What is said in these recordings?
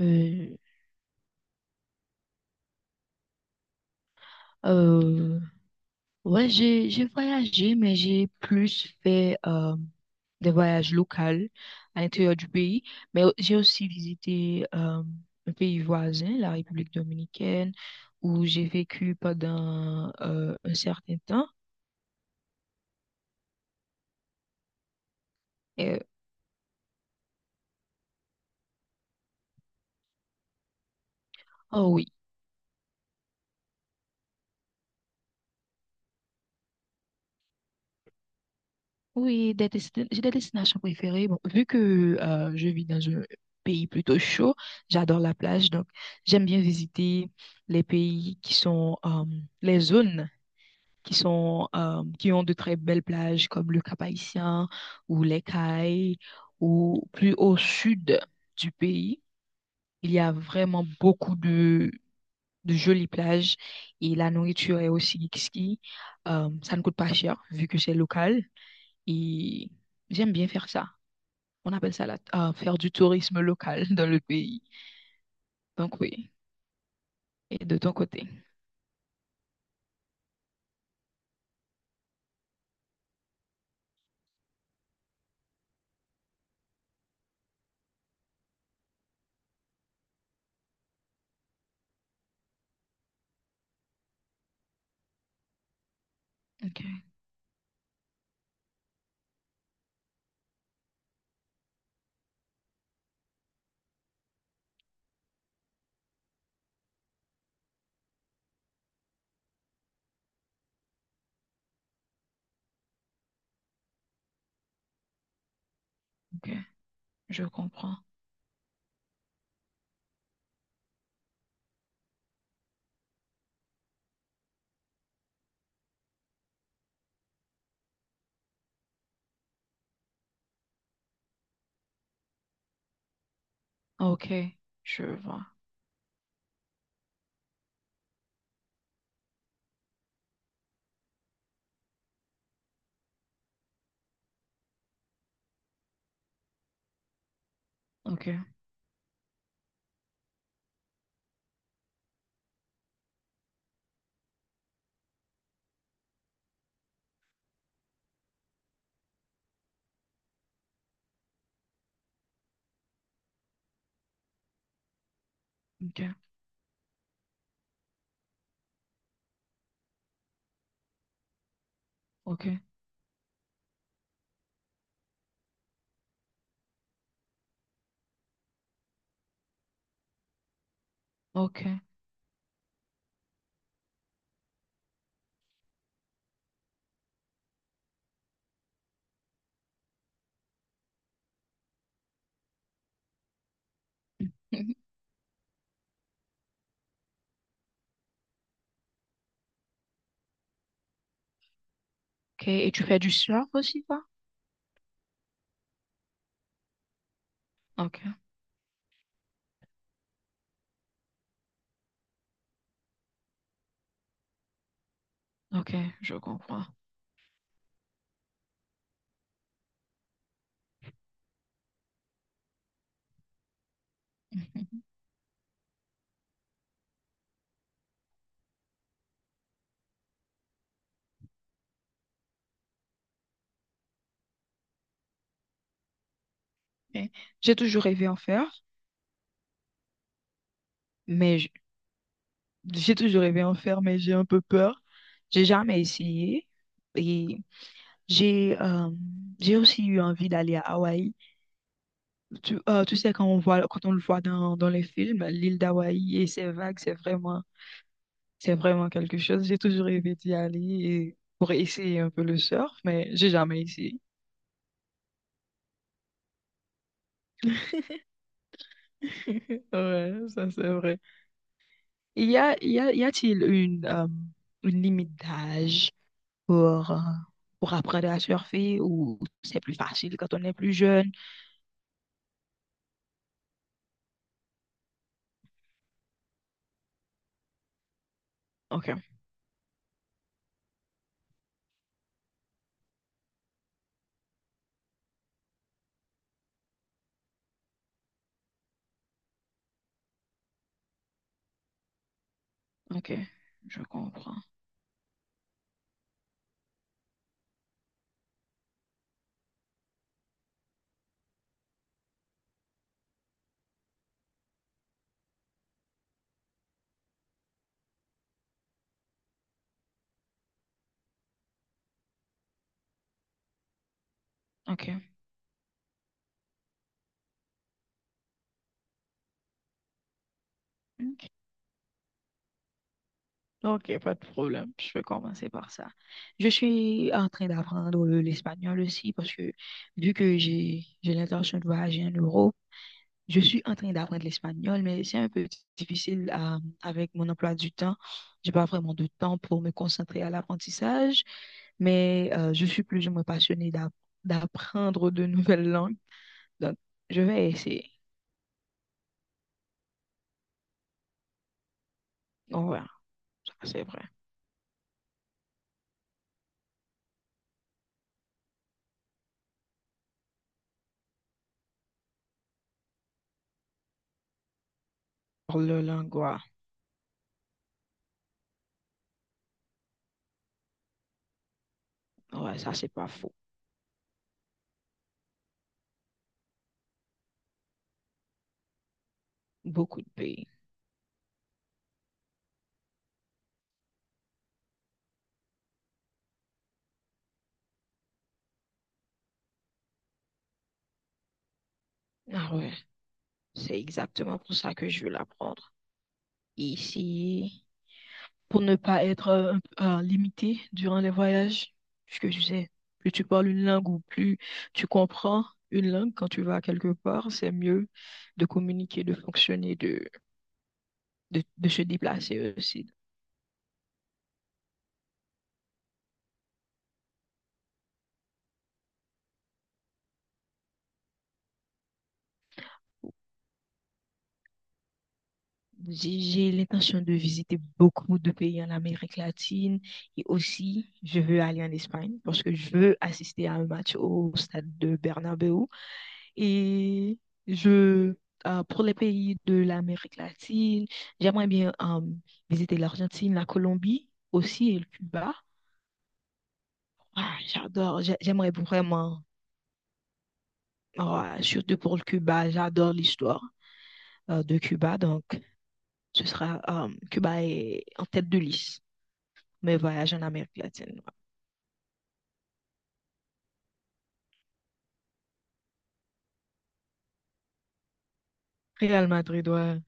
Euh, euh, ouais, j'ai voyagé, mais j'ai plus fait des voyages locaux à l'intérieur du pays. Mais j'ai aussi visité un pays voisin, la République dominicaine, où j'ai vécu pendant un certain temps. Et, oh oui, oui, j'ai des destinations préférées. Bon, vu que je vis dans un pays plutôt chaud, j'adore la plage, donc j'aime bien visiter les pays qui sont les zones. Qui sont, qui ont de très belles plages comme le Cap-Haïtien ou les Cayes ou plus au sud du pays. Il y a vraiment beaucoup de jolies plages et la nourriture est aussi exquise. Ça ne coûte pas cher vu que c'est local et j'aime bien faire ça. On appelle ça faire du tourisme local dans le pays. Donc oui, et de ton côté. Ok, ok. Je comprends. Ah, ok, je vois. Ok, ok, ok, ok. Ok, et tu fais du surf aussi, toi? Ok, ok, je comprends. Mhm. Ok. J'ai toujours rêvé en faire, mais je- j'ai toujours rêvé en faire, mais j'ai un peu peur. J'ai jamais essayé. Et j'ai euh, j'ai aussi eu envie d'aller à Hawaï. Tu sais, quand on voit, quand on le voit dans, dans les films, l'île d'Hawaï et ses vagues, c'est vraiment. C'est vraiment quelque chose. J'ai toujours rêvé d'y aller et pour essayer un peu le surf, mais j'ai jamais essayé. Ouais, ça c'est vrai. Y a-t-il une limite d'âge pour, euh, pour apprendre à surfer ou c'est plus facile quand on est plus jeune? Ok, ok, je comprends. Ok, ok, ok, pas de problème. Je vais commencer par ça. Je suis en train d'apprendre l'espagnol aussi parce que vu que j'ai l'intention de voyager en Europe, je suis en train d'apprendre l'espagnol, mais c'est un peu difficile à- avec mon emploi du temps. J'ai pas vraiment de temps pour me concentrer à l'apprentissage, mais je suis plus ou moins passionnée d'apprendre de nouvelles langues. Donc, je vais essayer. Ouais, ça c'est vrai. Le langua, ouais, ça c'est pas faux. Beaucoup de pays. Ah ouais, c'est exactement pour ça que je veux l'apprendre. Ici. Pour ne pas être un limité durant les voyages. Puisque tu sais, plus tu parles une langue ou plus tu comprends une langue quand tu vas quelque part, c'est mieux de communiquer, de fonctionner, de se déplacer aussi. J'ai l'intention de visiter beaucoup de pays en Amérique latine et aussi je veux aller en Espagne parce que je veux assister à un match au stade de Bernabéu. Et je, pour les pays de l'Amérique latine, j'aimerais bien visiter l'Argentine, la Colombie aussi et le Cuba. Ah, j'adore, j'aimerais vraiment, ah, surtout pour le Cuba, j'adore l'histoire de Cuba. Donc, ce sera Cuba est en tête de liste, mes voyages en Amérique latine. Real Madrid, ouais,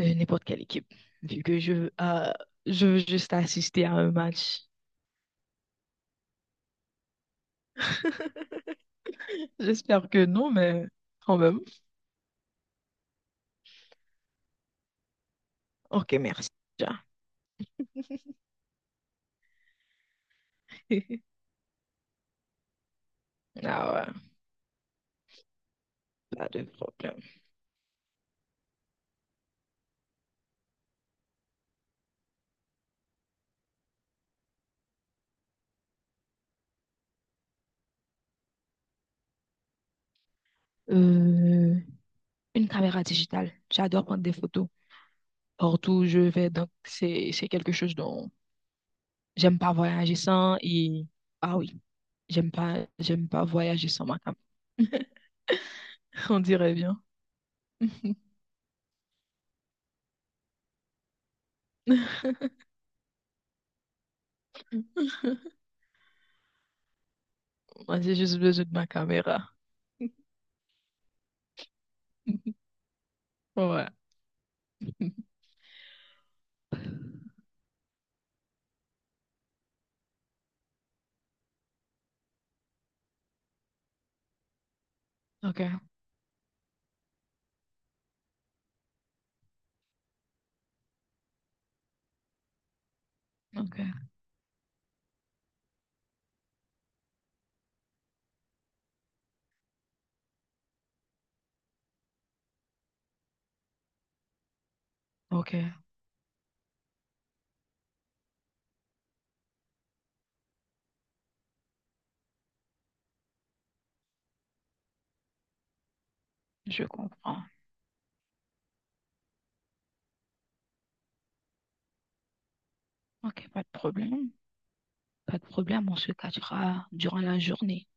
n'importe quelle équipe, vu que je veux juste assister à un match. J'espère que non, mais quand même. Ok, merci. Jean. Ah ouais, pas de problème. Euh, une caméra digitale. J'adore prendre des photos partout où je vais. Donc, c'est quelque chose dont j'aime pas voyager sans. Et ah oui, j'aime pas voyager sans ma caméra. On dirait bien. Moi, j'ai juste besoin de ma caméra. Ouais. Ok, ok, ok, je comprends. Ok, pas de problème. Pas de problème, on se cachera durant la journée.